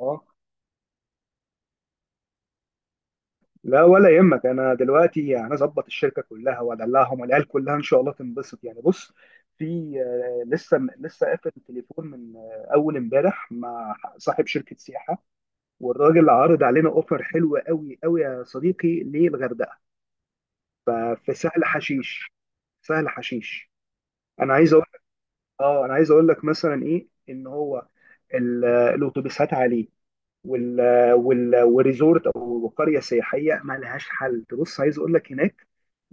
اه، لا ولا يهمك. انا دلوقتي هنظبط الشركه كلها وادلعهم، والعيال كلها ان شاء الله تنبسط. يعني بص، في لسه قافل التليفون من اول امبارح مع صاحب شركه سياحه، والراجل عارض علينا اوفر حلو قوي قوي يا صديقي للغردقه. في سهل حشيش، سهل حشيش. انا عايز اقول لك، اه انا عايز اقول لك مثلا ايه، ان هو الاتوبيسات عليه، وال والريزورت او قريه سياحيه ما لهاش حل. تبص، عايز اقول لك هناك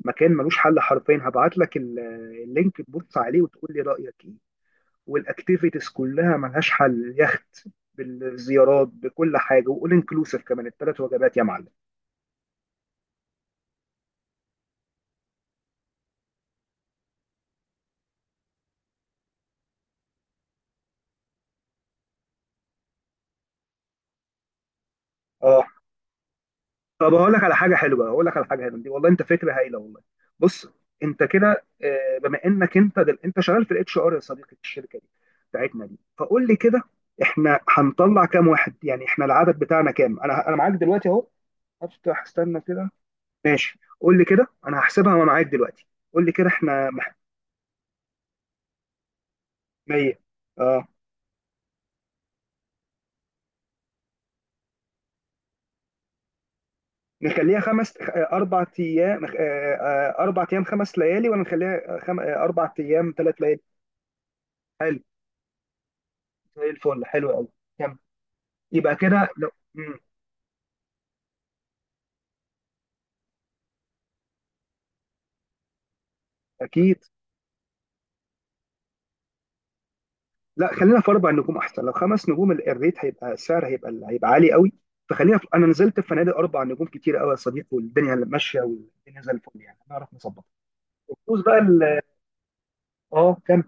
مكان ملوش حل حرفيا. هبعت لك اللينك تبص عليه وتقول لي رايك ايه. والاكتيفيتيز كلها ملهاش حل، اليخت بالزيارات بكل حاجه، واول انكلوسيف كمان 3 وجبات يا معلم. اه، طب هقول لك على حاجه حلوه، هقول لك على حاجه حلوه دي. والله انت فكره هايله والله. بص، انت كده، بما انك انت انت شغال في الاتش ار يا صديقي في الشركه دي بتاعتنا دي، فقول لي كده، احنا هنطلع كام واحد؟ يعني احنا العدد بتاعنا كام؟ انا معاك دلوقتي اهو، هفتح، استنى كده. ماشي، قول لي كده، انا هحسبها وانا معاك دلوقتي. قول لي كده، احنا 100. اه، نخليها خمس، 4 ايام 4 ايام 5 ليالي، ولا نخليها آه، خم... آه، 4 ايام 3 ليالي؟ حلو، زي الفل، حلو قوي. يبقى كده لو مم، اكيد. لا، خلينا في 4 نجوم احسن. لو 5 نجوم الريت هيبقى، السعر هيبقى، هيبقى عالي قوي. انا نزلت في فنادق 4 نجوم كتير قوي يا صديقي، والدنيا ماشيه، والدنيا زي الفل، يعني هنعرف نظبطها. بخصوص بقى ال... اه كم،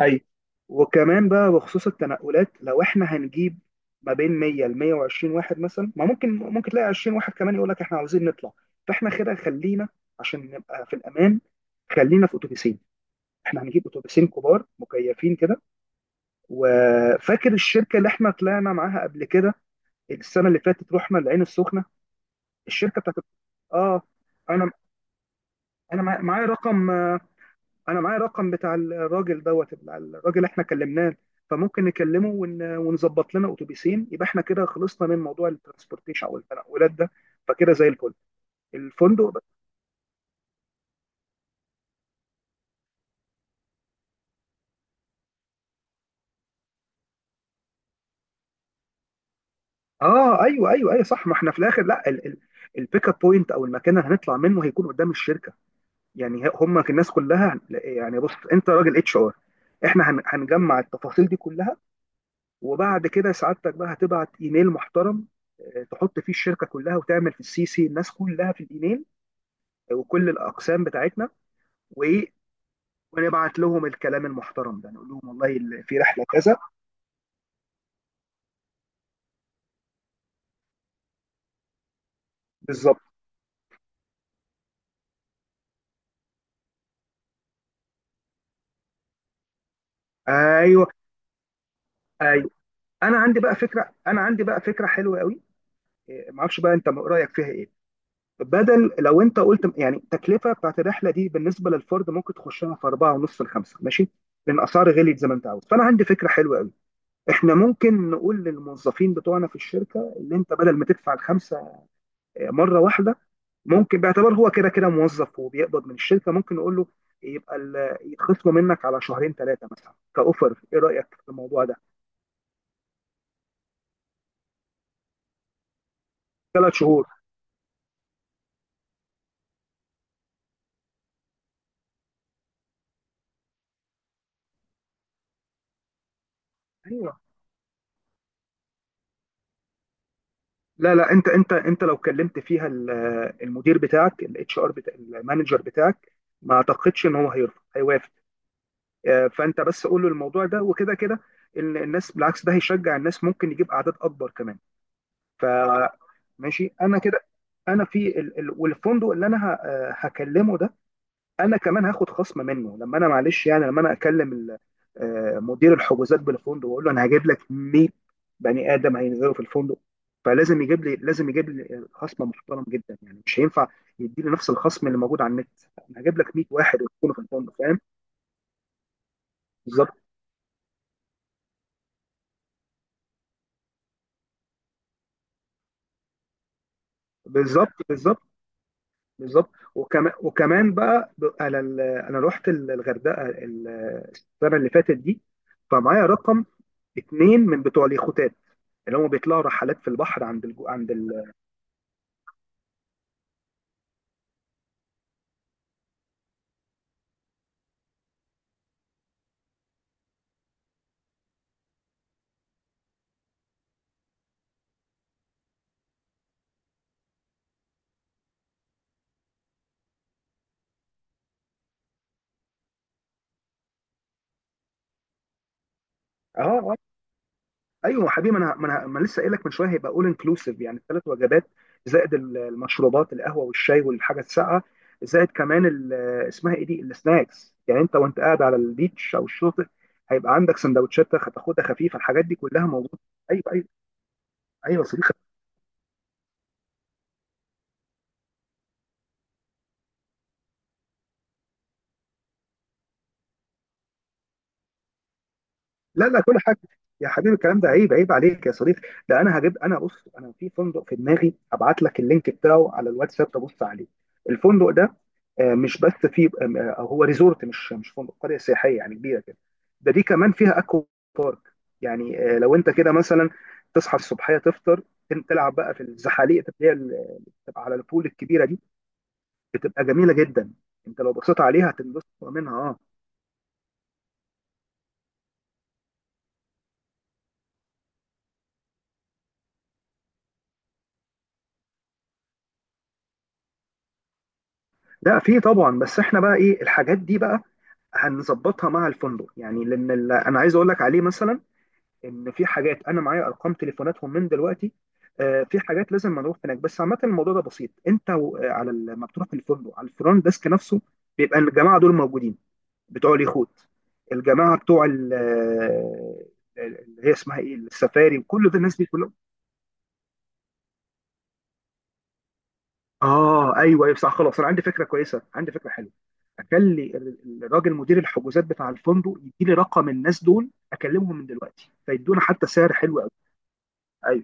اي، وكمان بقى بخصوص التنقلات، لو احنا هنجيب ما بين 100 ل 120 واحد مثلا، ما ممكن ممكن تلاقي 20 واحد كمان يقول لك احنا عاوزين نطلع، فاحنا كده خلينا، عشان نبقى في الامان، خلينا في اتوبيسين. احنا هنجيب اتوبيسين كبار مكيفين كده. وفاكر الشركه اللي احنا طلعنا معاها قبل كده، السنه اللي فاتت رحنا العين السخنه؟ الشركه بتاعت، اه، انا انا معايا رقم انا معايا رقم بتاع الراجل، دوت بتاع الراجل اللي احنا كلمناه. فممكن نكلمه ونظبط لنا اتوبيسين، يبقى احنا كده خلصنا من موضوع الترانسبورتيشن او التنقلات ده، فكده زي الفل. الفندق، اه ايوه ايوه ايوه صح. ما احنا في الاخر لا البيك اب بوينت او المكان اللي هنطلع منه هيكون قدام الشركه. يعني هم الناس كلها، يعني بص، انت راجل اتش ار، احنا هنجمع التفاصيل دي كلها، وبعد كده سعادتك بقى هتبعت ايميل محترم، تحط فيه الشركه كلها، وتعمل في السي سي الناس كلها في الايميل، وكل الاقسام بتاعتنا وايه، ونبعت لهم الكلام المحترم ده، نقول لهم والله في رحله كذا. بالظبط. ايوه ايوه. انا عندي بقى فكره، انا عندي بقى فكره حلوه قوي، معرفش بقى انت رايك فيها ايه. بدل لو انت قلت يعني التكلفه بتاعت الرحله دي بالنسبه للفرد ممكن تخشها في اربعه ونص لخمسه، ماشي؟ لان اسعار غليت زي ما انت عاوز. فانا عندي فكره حلوه قوي، احنا ممكن نقول للموظفين بتوعنا في الشركه، اللي انت بدل ما تدفع الخمسه مره واحده، ممكن، باعتبار هو كده كده موظف وبيقبض من الشركه، ممكن نقول له يبقى يتخصموا منك على 2 شهور ثلاثه مثلا كاوفر. ايه رايك في الموضوع ده؟ 3 شهور. ايوه. لا لا، انت لو كلمت فيها المدير بتاعك الاتش ار، بتاع المانجر بتاعك، ما اعتقدش ان هو هيرفض، هيوافق. فانت بس قول له الموضوع ده، وكده كده الناس، بالعكس، ده هيشجع الناس، ممكن يجيب اعداد اكبر كمان. ف ماشي، انا كده، انا في والفندق اللي انا هكلمه ده، انا كمان هاخد خصم منه. لما انا معلش يعني، لما انا اكلم مدير الحجوزات بالفندق، واقول له انا هجيب لك 100 بني ادم هينزلوا في الفندق، فلازم يجيب لي، لازم يجيب لي خصم محترم جدا، يعني مش هينفع يديني نفس الخصم اللي موجود على النت. انا هجيب لك 100 واحد ويكونوا في الفندق، فاهم؟ بالظبط بالظبط. بالظبط بالظبط. وكمان وكمان بقى انا انا رحت الغردقه السنه اللي فاتت دي، فمعايا رقم 2 من بتوع اليخوتات اللي هم بيطلعوا رحلات في البحر، عند عند، اه اه ايوه يا حبيبي، ما أنا لسه قايل لك من شويه هيبقى اول انكلوسيف، يعني 3 وجبات، زائد المشروبات، القهوه والشاي والحاجه الساقعه، زائد كمان اسمها ايه دي، السناكس، يعني انت وانت قاعد على البيتش او الشاطئ، هيبقى عندك سندوتشات هتاخدها خفيفه، الحاجات دي كلها موجوده. ايوه ايوه. ايوه يا صديقي. لا لا، كل حاجه يا حبيبي. الكلام ده عيب، عيب عليك يا صديقي. ده انا هجيب، انا بص، انا في فندق في دماغي، ابعت لك اللينك بتاعه على الواتساب تبص عليه، الفندق ده مش بس فيه، هو ريزورت، مش فندق، قريه سياحيه يعني كبيره كده. ده دي كمان فيها اكوا بارك، يعني لو انت كده مثلا تصحى الصبحيه، تفطر، تلعب بقى في الزحاليق اللي هي اللي بتبقى على البول الكبيره دي، بتبقى جميله جدا. انت لو بصيت عليها هتنبسط منها، اه. لا، في طبعا، بس احنا بقى ايه، الحاجات دي بقى هنظبطها مع الفندق، يعني لان انا عايز اقول لك عليه، مثلا ان في حاجات انا معايا ارقام تليفوناتهم من دلوقتي. في حاجات لازم نروح هناك، بس عامه الموضوع ده بسيط. انت على لما بتروح الفندق على الفرونت ديسك نفسه بيبقى الجماعه دول موجودين، بتوع اليخوت، الجماعه بتوع اللي هي اسمها ايه، السفاري، وكل ده الناس دي. اه ايوه ايوه صح. خلاص، انا عندي فكره كويسه، عندي فكره حلوه، اخلي الراجل مدير الحجوزات بتاع الفندق يديلي رقم الناس دول، اكلمهم من دلوقتي، فيدونا حتى سعر حلو قوي. ايوه.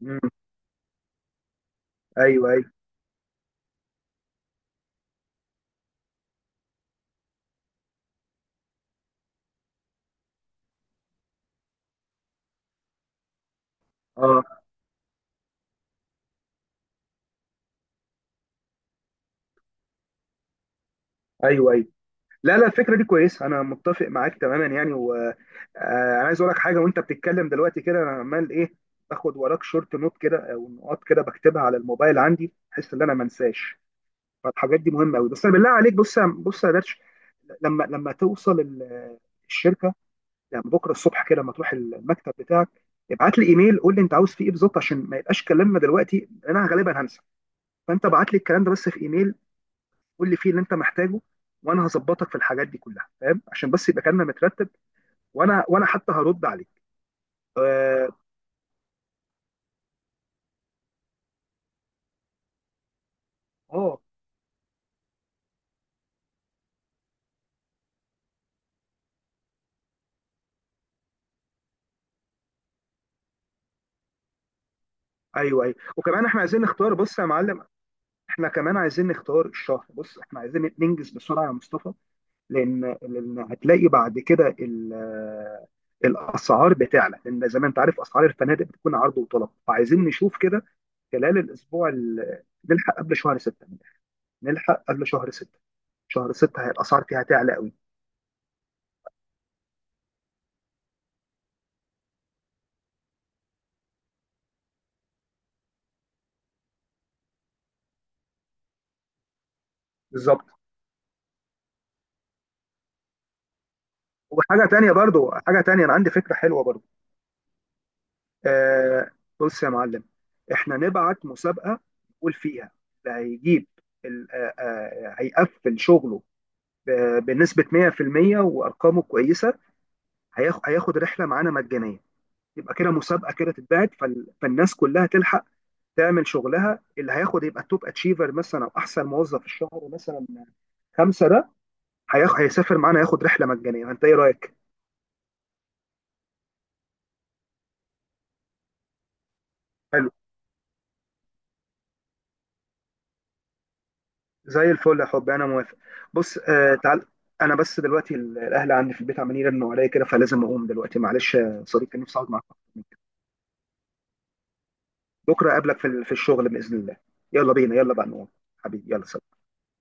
مم. ايوه ايوه. اه ايوه ايوه. لا لا، الفكره دي كويسه، انا متفق معاك تماما يعني. وانا عايز اقول لك حاجه، وانت بتتكلم دلوقتي كده، انا عمال ايه، باخد وراك شورت نوت كده، او نقاط كده بكتبها على الموبايل عندي، بحيث ان انا ما انساش، فالحاجات دي مهمه قوي. بس انا بالله عليك، بص بص يا درش، لما توصل الشركه، يعني بكره الصبح كده، لما تروح المكتب بتاعك، ابعت لي ايميل، قول لي انت عاوز فيه ايه بالظبط، عشان ما يبقاش كلامنا دلوقتي انا غالبا هنسى. فانت ابعت لي الكلام ده بس في ايميل، قول لي فيه اللي انت محتاجه، وانا هظبطك في الحاجات دي كلها، فاهم؟ عشان بس يبقى كلامنا مترتب، وانا حتى هرد عليك. اه. آه، ايوه ايوه. وكمان احنا عايزين نختار، بص يا معلم، احنا كمان عايزين نختار الشهر. بص احنا عايزين ننجز بسرعه يا مصطفى، لان لان هتلاقي بعد كده الاسعار بتعلى، لان زي ما انت عارف، اسعار الفنادق بتكون عرض وطلب، فعايزين نشوف كده خلال الاسبوع نلحق قبل شهر 6، نلحق قبل شهر 6، شهر 6 هي الاسعار فيها تعلى قوي. بالظبط. وحاجه تانية برضو، حاجه تانية، انا عندي فكره حلوه برضو. آه، بص يا معلم، احنا نبعت مسابقه نقول فيها اللي هيجيب هيقفل شغله بنسبه 100% وارقامه كويسه، هياخد رحله معانا مجانيه. يبقى كده مسابقه كده تتبعت، فالناس كلها تلحق تعمل شغلها، اللي هياخد يبقى التوب اتشيفر مثلا، او احسن موظف في الشهر مثلا، خمسه ده هيسافر معانا، ياخد رحله مجانيه. فانت ايه رايك؟ حلو. زي الفل يا حبي، انا موافق. بص، آه، تعال، انا بس دلوقتي الاهل عندي في البيت عمالين يرنوا عليا كده، فلازم اقوم دلوقتي، معلش يا صديقي، نفسي اقعد معاك أكتر من كده. بكره اقابلك في في الشغل باذن الله. يلا بينا، يلا بقى نقوم. حبيبي، يلا سلام.